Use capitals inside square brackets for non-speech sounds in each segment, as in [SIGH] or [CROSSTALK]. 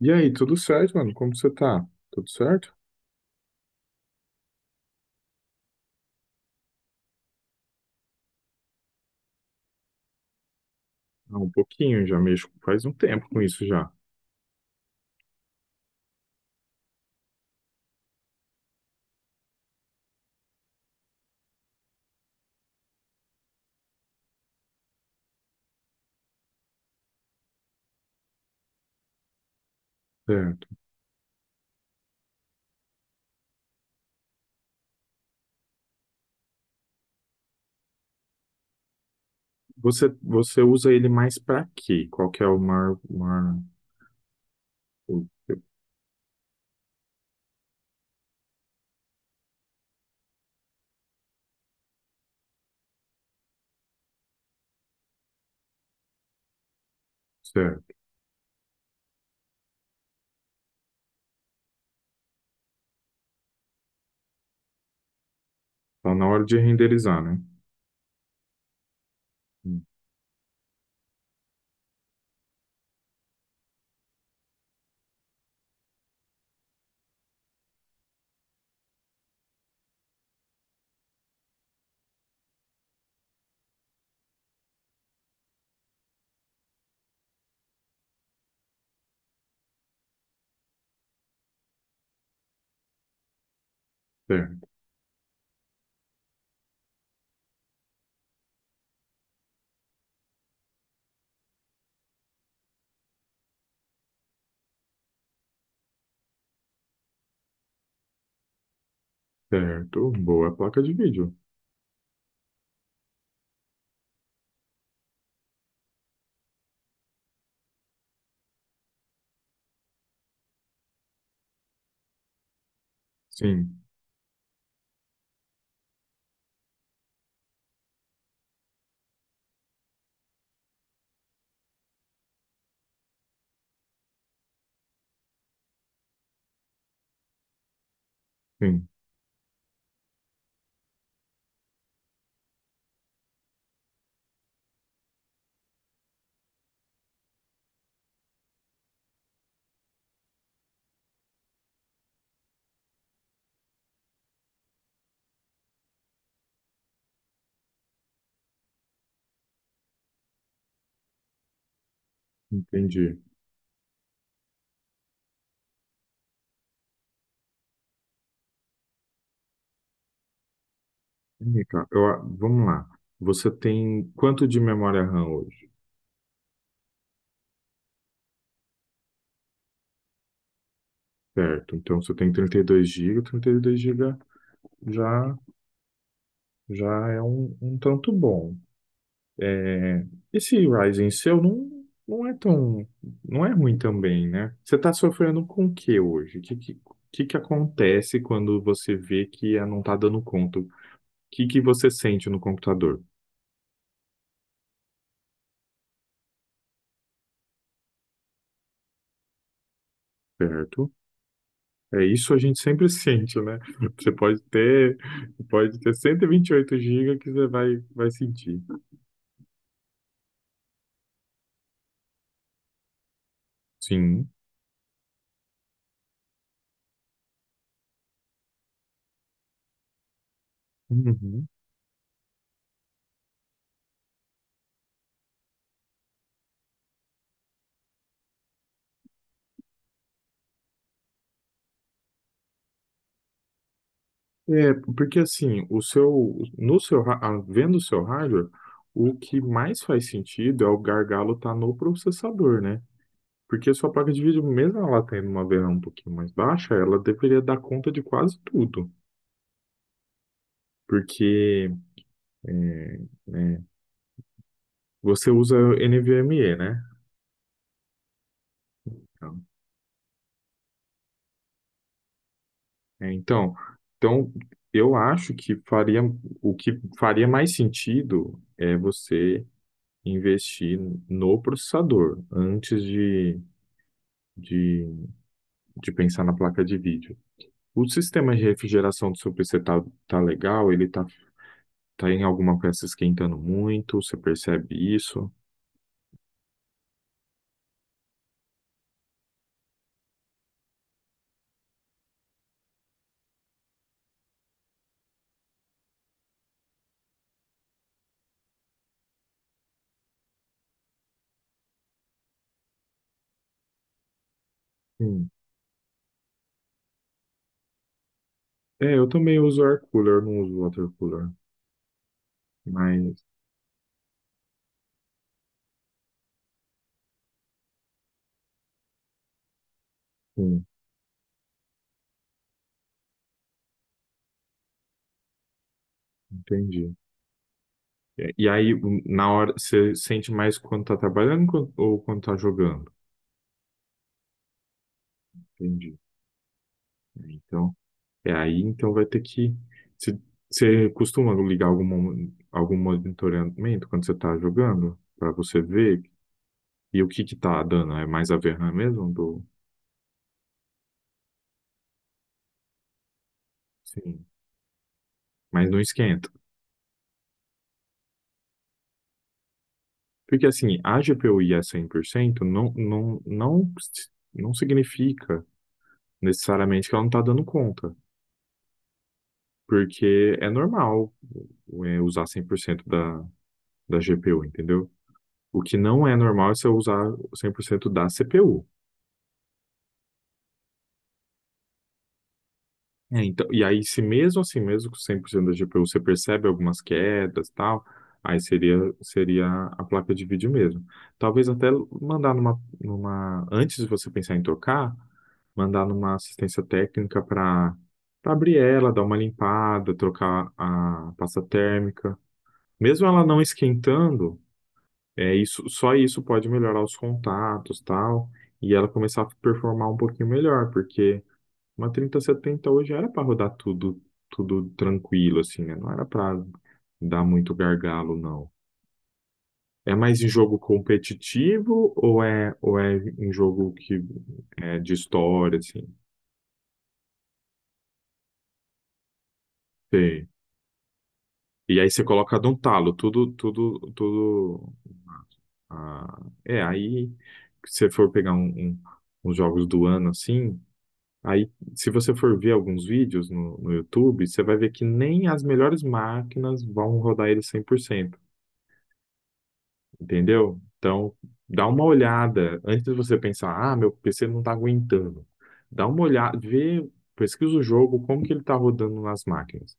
E aí, tudo certo, mano? Como você tá? Tudo certo? Ah, um pouquinho, já mexo faz um tempo com isso já. Certo. Você usa ele mais pra quê? Qual que é o maior, maior... o- Certo. Então, na hora de renderizar, né? Hum. Certo. Certo. Boa placa de vídeo. Sim, sim. Entendi. Ih, cara, vamos lá. Você tem quanto de memória RAM hoje? Certo. Então, você tem 32 GB. Dois GB já, já é um tanto bom. É, esse Ryzen seu não é tão, não é ruim também, né? Você está sofrendo com o que hoje? O que que acontece quando você vê que ah, não está dando conta? O que você sente no computador, certo? É isso a gente sempre [LAUGHS] sente, né? Você pode ter cento e vinte e oito gigas que você vai sentir. Sim. Uhum. É, porque assim, no seu, vendo o seu hardware, o que mais faz sentido é o gargalo estar no processador, né? Porque a sua placa de vídeo, mesmo ela tendo uma VRAM um pouquinho mais baixa, ela deveria dar conta de quase tudo. Porque é, é, você usa NVMe, né? Então, É, então, então, eu acho que faria, o que faria mais sentido é você investir no processador antes de, de pensar na placa de vídeo. O sistema de refrigeração do seu PC tá legal? Ele tá em alguma peça esquentando muito? Você percebe isso? Sim. É, eu também uso air cooler, não uso water cooler, mas sim, entendi. E aí, na hora, você sente mais quando tá trabalhando ou quando tá jogando? Entendi. Então, é aí, então vai ter que. Você você costuma ligar algum monitoramento quando você tá jogando? Pra você ver. E o que que tá dando? É mais a VRAM mesmo? Sim, mas não esquenta. Porque assim, a GPU ir a 100% não significa necessariamente que ela não tá dando conta. Porque é normal usar 100% da GPU, entendeu? O que não é normal é você usar 100% da CPU. É, então, e aí, se mesmo assim, mesmo com 100% da GPU, você percebe algumas quedas e tal, aí seria a placa de vídeo mesmo. Talvez até mandar numa, antes de você pensar em trocar, mandar numa assistência técnica para abrir ela, dar uma limpada, trocar a pasta térmica. Mesmo ela não esquentando, é isso, só isso pode melhorar os contatos, tal, e ela começar a performar um pouquinho melhor, porque uma 3070 hoje era para rodar tudo, tudo tranquilo, assim, né? Não era para dar muito gargalo, não. É mais em jogo competitivo ou é em jogo que é de história, assim? Sei. E aí você coloca num talo, tudo, tudo, tudo. Ah, é, aí se você for pegar uns jogos do ano assim, aí se você for ver alguns vídeos no YouTube, você vai ver que nem as melhores máquinas vão rodar ele cem por cento. Entendeu? Então, dá uma olhada antes de você pensar, ah, meu PC não está aguentando. Dá uma olhada, vê, pesquisa o jogo, como que ele está rodando nas máquinas.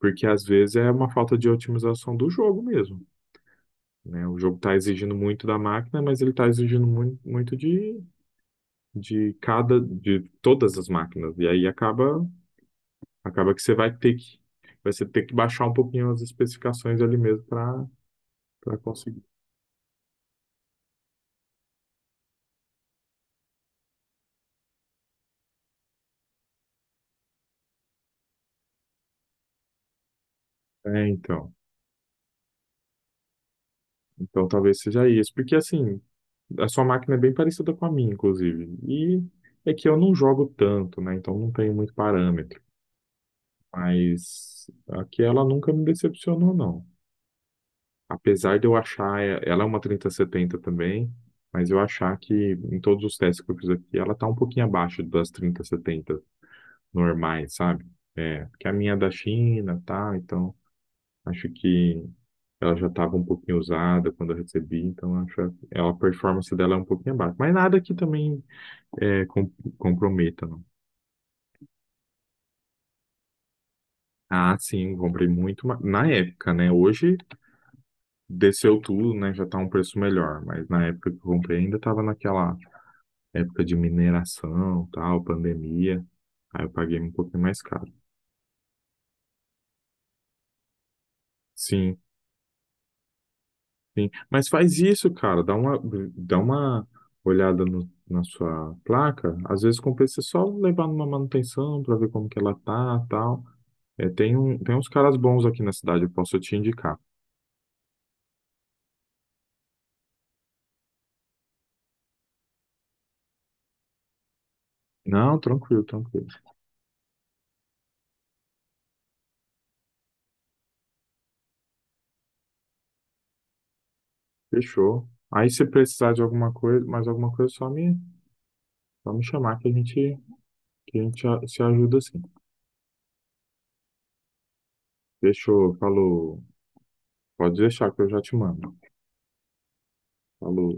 Porque às vezes é uma falta de otimização do jogo mesmo, né? O jogo está exigindo muito da máquina, mas ele está exigindo muito, muito de todas as máquinas. E aí acaba que você vai ter que baixar um pouquinho as especificações ali mesmo para conseguir. É, então. Então talvez seja isso, porque assim, a sua máquina é bem parecida com a minha, inclusive. E é que eu não jogo tanto, né? Então não tenho muito parâmetro. Mas aqui ela nunca me decepcionou, não. Apesar de eu achar, ela é uma 3070 também, mas eu achar que em todos os testes que eu fiz aqui, ela tá um pouquinho abaixo das 3070 normais, sabe? É, porque a minha é da China, tá? Então acho que ela já estava um pouquinho usada quando eu recebi, então acho que a performance dela é um pouquinho abaixo. Mas nada que também é, com- comprometa, não. Ah, sim, comprei na época, né? Hoje desceu tudo, né? Já tá um preço melhor, mas na época que eu comprei ainda estava naquela época de mineração, tal, pandemia. Aí eu paguei um pouquinho mais caro. Sim, sim, mas faz isso, cara. Dá uma olhada na sua placa. Às vezes compensa só levar numa manutenção para ver como que ela tá, tal. É, tem tem uns caras bons aqui na cidade, eu posso te indicar. Não, tranquilo, tranquilo. Fechou. Aí se precisar de alguma coisa, mais alguma coisa, só me chamar que que a gente se ajuda assim. Fechou, falou. Pode deixar que eu já te mando. Falou.